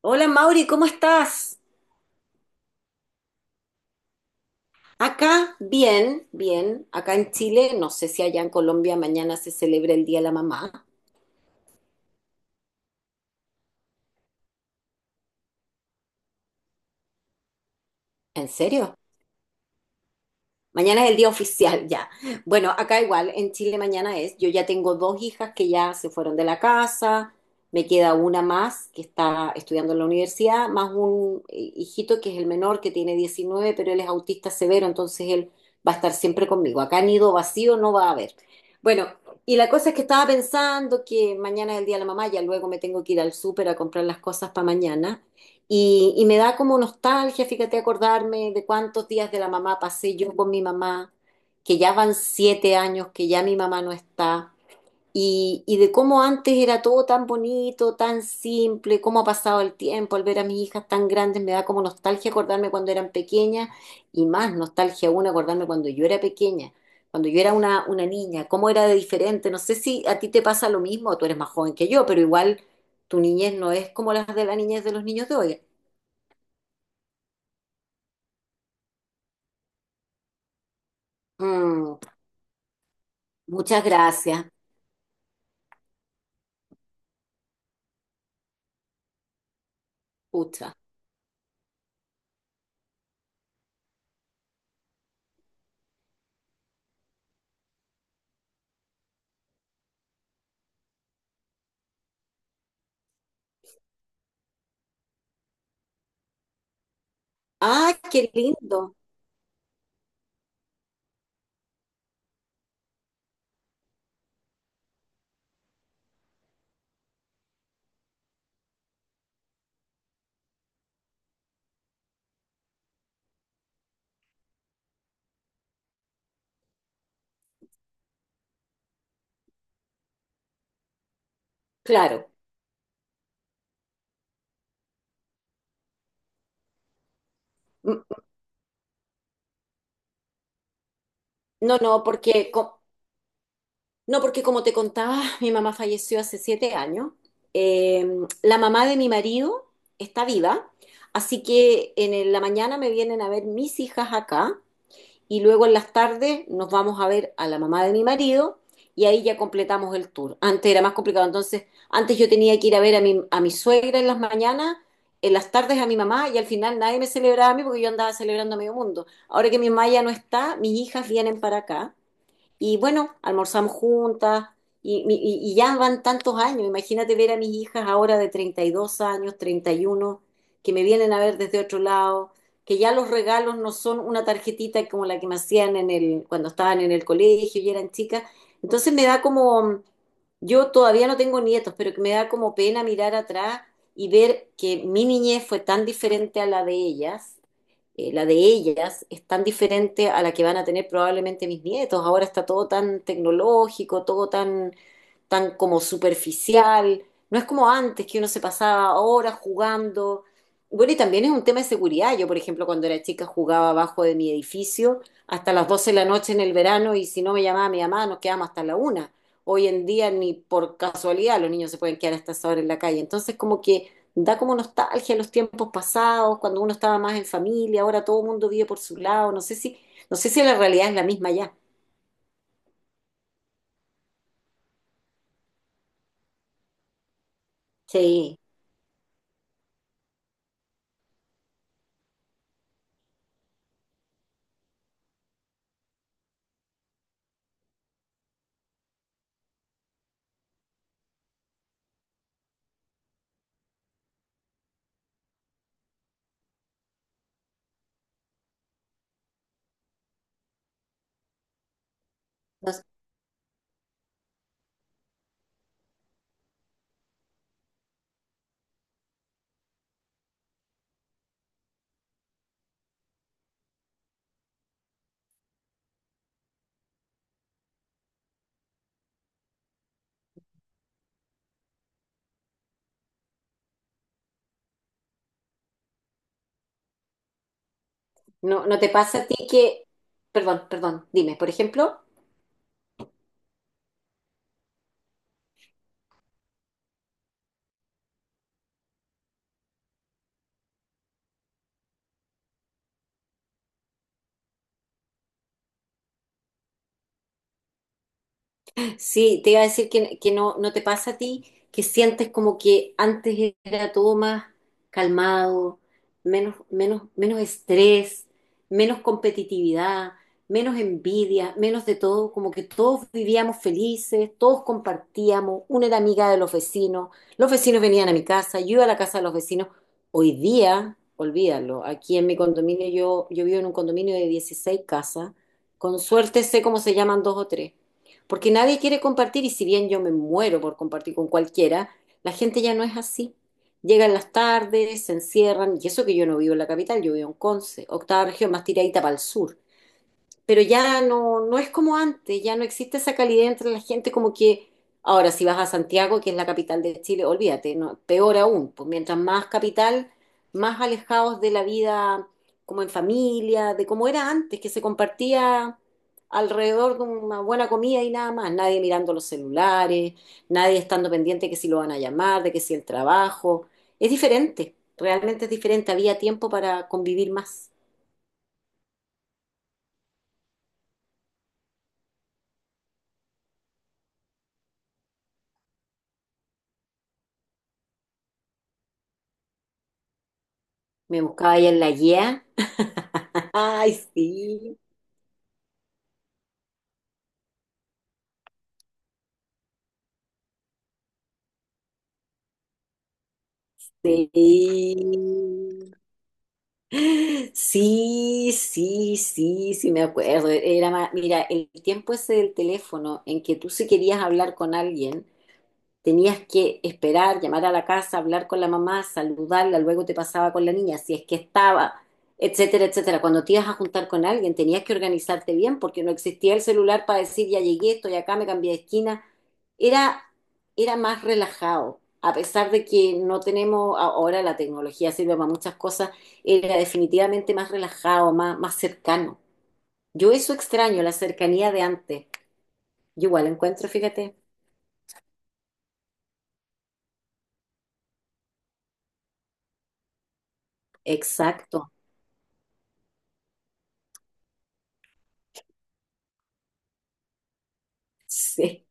Hola Mauri, ¿cómo estás? Acá, bien, bien. Acá en Chile, no sé si allá en Colombia mañana se celebra el Día de la Mamá. ¿En serio? Mañana es el día oficial ya. Bueno, acá igual, en Chile mañana es. Yo ya tengo dos hijas que ya se fueron de la casa, me queda una más que está estudiando en la universidad, más un hijito que es el menor que tiene 19, pero él es autista severo, entonces él va a estar siempre conmigo. Acá nido vacío no va a haber. Bueno, y la cosa es que estaba pensando que mañana es el día de la mamá, ya luego me tengo que ir al súper a comprar las cosas para mañana. Y me da como nostalgia, fíjate, acordarme de cuántos días de la mamá pasé yo con mi mamá, que ya van 7 años, que ya mi mamá no está, y de cómo antes era todo tan bonito, tan simple, cómo ha pasado el tiempo al ver a mis hijas tan grandes, me da como nostalgia acordarme cuando eran pequeñas, y más nostalgia aún acordarme cuando yo era pequeña, cuando yo era una niña, cómo era de diferente. No sé si a ti te pasa lo mismo, tú eres más joven que yo, pero igual tu niñez no es como las de la niñez de los niños de hoy. Mm, muchas gracias. Pucha. Ah, qué lindo. Claro. Mm. No, no, porque no, porque como te contaba, mi mamá falleció hace 7 años. Eh, la mamá de mi marido está viva, así que en la mañana me vienen a ver mis hijas acá y luego en las tardes nos vamos a ver a la mamá de mi marido y ahí ya completamos el tour. Antes era más complicado, entonces antes yo tenía que ir a ver a mi suegra en las mañanas, en las tardes a mi mamá y al final nadie me celebraba a mí porque yo andaba celebrando a medio mundo. Ahora que mi mamá ya no está, mis hijas vienen para acá y bueno, almorzamos juntas y ya van tantos años. Imagínate ver a mis hijas ahora de 32 años, 31, que me vienen a ver desde otro lado, que ya los regalos no son una tarjetita como la que me hacían cuando estaban en el colegio y eran chicas. Entonces me da como, yo todavía no tengo nietos, pero que me da como pena mirar atrás y ver que mi niñez fue tan diferente a la de ellas. La de ellas es tan diferente a la que van a tener probablemente mis nietos. Ahora está todo tan tecnológico, todo tan como superficial. No es como antes que uno se pasaba horas jugando. Bueno, y también es un tema de seguridad. Yo, por ejemplo, cuando era chica jugaba abajo de mi edificio hasta las 12 de la noche en el verano, y si no me llamaba mi mamá nos quedábamos hasta la una. Hoy en día ni por casualidad los niños se pueden quedar hasta esa hora en la calle. Entonces, como que da como nostalgia los tiempos pasados, cuando uno estaba más en familia, ahora todo el mundo vive por su lado, no sé si la realidad es la misma ya. Sí. No, no. No te pasa a ti que, perdón, perdón, dime, por ejemplo. Sí, te iba a decir que no te pasa a ti que sientes como que antes era todo más calmado, menos estrés, menos competitividad, menos envidia, menos de todo, como que todos vivíamos felices, todos compartíamos, una era amiga de los vecinos venían a mi casa, yo iba a la casa de los vecinos. Hoy día, olvídalo, aquí en mi condominio, yo vivo en un condominio de 16 casas, con suerte sé cómo se llaman dos o tres. Porque nadie quiere compartir, y si bien yo me muero por compartir con cualquiera, la gente ya no es así. Llegan las tardes, se encierran, y eso que yo no vivo en la capital, yo vivo en Conce, octava región más tiradita para el sur, pero ya no es como antes, ya no existe esa calidez entre la gente, como que ahora si vas a Santiago, que es la capital de Chile, olvídate, no, peor aún, pues mientras más capital, más alejados de la vida como en familia, de cómo era antes, que se compartía alrededor de una buena comida y nada más, nadie mirando los celulares, nadie estando pendiente que si lo van a llamar, de que si el trabajo, es diferente, realmente es diferente, había tiempo para convivir más. Me buscaba ahí en la guía. Ay, sí, sí. Sí, sí, sí, sí, me acuerdo. Era mira, el tiempo ese del teléfono en que tú si querías hablar con alguien, tenías que esperar, llamar a la casa, hablar con la mamá, saludarla, luego te pasaba con la niña, si es que estaba, etcétera, etcétera. Cuando te ibas a juntar con alguien, tenías que organizarte bien porque no existía el celular para decir ya llegué, estoy acá, me cambié de esquina. Era, era más relajado. A pesar de que no tenemos, ahora la tecnología sirve para muchas cosas, era definitivamente más relajado, más cercano. Yo eso extraño, la cercanía de antes. Yo igual encuentro, fíjate, exacto. Sí.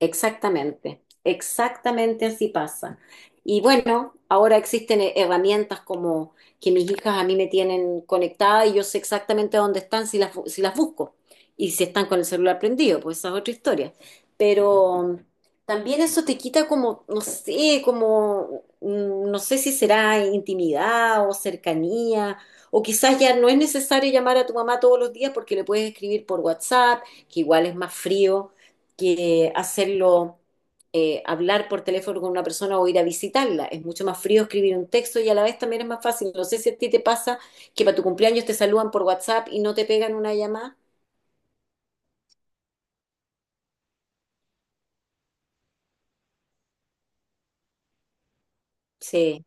Exactamente, exactamente así pasa. Y bueno, ahora existen herramientas como que mis hijas a mí me tienen conectada, y yo sé exactamente dónde están si si las busco, y si están con el celular prendido, pues esa es otra historia. Pero también eso te quita como, no sé, como, no sé si será intimidad o cercanía. O quizás ya no es necesario llamar a tu mamá todos los días porque le puedes escribir por WhatsApp, que igual es más frío que hacerlo, hablar por teléfono con una persona o ir a visitarla. Es mucho más frío escribir un texto, y a la vez también es más fácil. No sé si a ti te pasa que para tu cumpleaños te saludan por WhatsApp y no te pegan una llamada. Sí,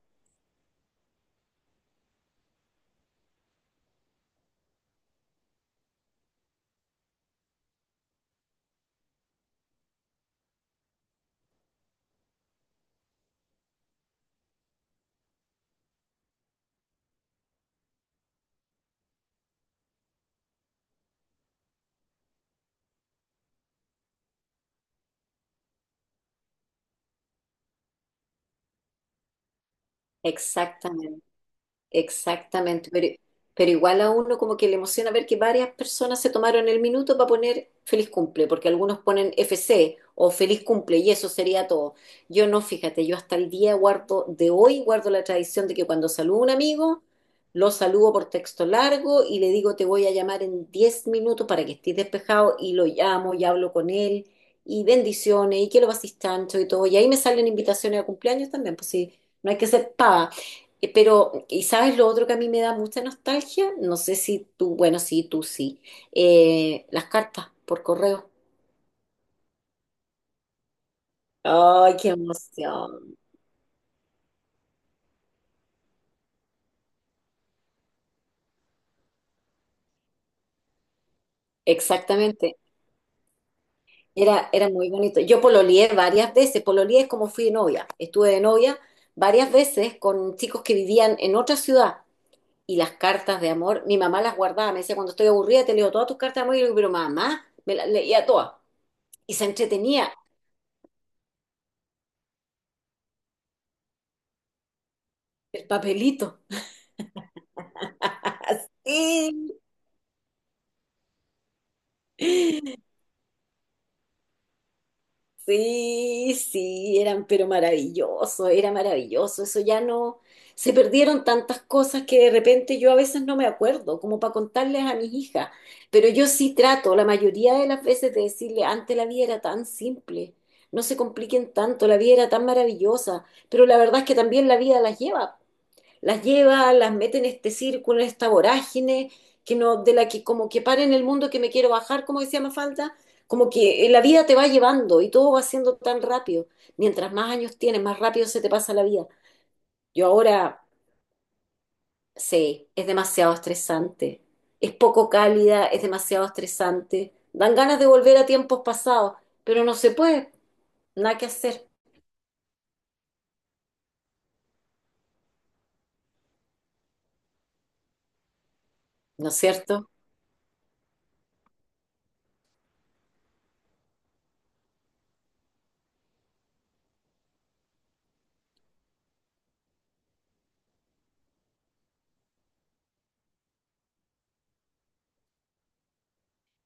exactamente. Exactamente, pero igual a uno como que le emociona ver que varias personas se tomaron el minuto para poner feliz cumple, porque algunos ponen FC o feliz cumple y eso sería todo. Yo no, fíjate, yo hasta el día de hoy guardo la tradición de que cuando saludo a un amigo, lo saludo por texto largo y le digo te voy a llamar en 10 minutos para que estés despejado, y lo llamo y hablo con él y bendiciones y que lo pases tanto y todo. Y ahí me salen invitaciones a cumpleaños también, pues sí, no hay que ser pava. Pero, ¿y sabes lo otro que a mí me da mucha nostalgia? No sé si tú, bueno, sí, tú sí. Las cartas por correo. ¡Ay, qué emoción! Exactamente. Era muy bonito. Yo pololeé varias veces. Pololeé es como fui de novia. Estuve de novia varias veces con chicos que vivían en otra ciudad. Y las cartas de amor, mi mamá las guardaba. Me decía, cuando estoy aburrida, te leo todas tus cartas de amor. Y yo le digo, pero mamá, me las leía todas. Y se entretenía el papelito. Sí. Sí, sí, eran, pero maravilloso, era maravilloso. Eso ya no, se perdieron tantas cosas que de repente yo a veces no me acuerdo, como para contarles a mis hijas. Pero yo sí trato, la mayoría de las veces, de decirle, antes la vida era tan simple, no se compliquen tanto, la vida era tan maravillosa, pero la verdad es que también la vida las lleva, las mete en este círculo, en esta vorágine, que no, de la que como que para en el mundo que me quiero bajar, como decía Mafalda, como que la vida te va llevando y todo va siendo tan rápido. Mientras más años tienes, más rápido se te pasa la vida. Yo ahora sé, es demasiado estresante, es poco cálida, es demasiado estresante. Dan ganas de volver a tiempos pasados, pero no se puede, nada que hacer, ¿no es cierto?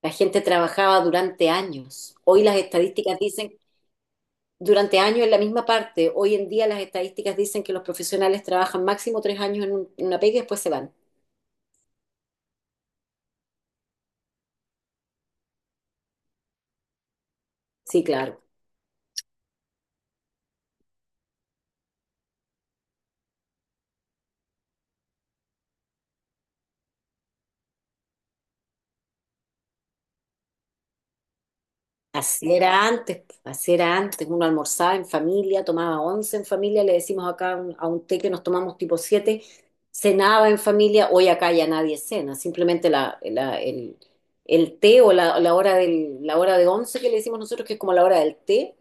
La gente trabajaba durante años. Hoy las estadísticas dicen durante años en la misma parte. Hoy en día las estadísticas dicen que los profesionales trabajan máximo 3 años en una pega y después se van. Sí, claro. Así era antes, así era antes. Uno almorzaba en familia, tomaba once en familia, le decimos acá a un té que nos tomamos tipo 7, cenaba en familia. Hoy acá ya nadie cena, simplemente el té o la hora de once que le decimos nosotros, que es como la hora del té,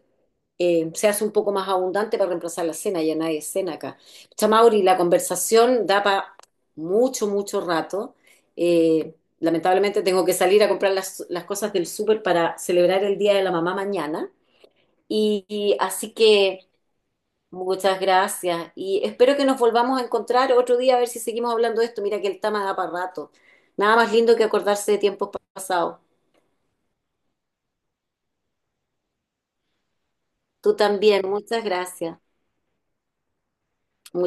se hace un poco más abundante para reemplazar la cena, ya nadie cena acá. Chamauri, la conversación da para mucho, mucho rato. Eh, Lamentablemente tengo que salir a comprar las cosas del súper para celebrar el Día de la Mamá mañana. Y así que muchas gracias y espero que nos volvamos a encontrar otro día a ver si seguimos hablando de esto. Mira que el tema da para rato. Nada más lindo que acordarse de tiempos pasados. Tú también, muchas gracias.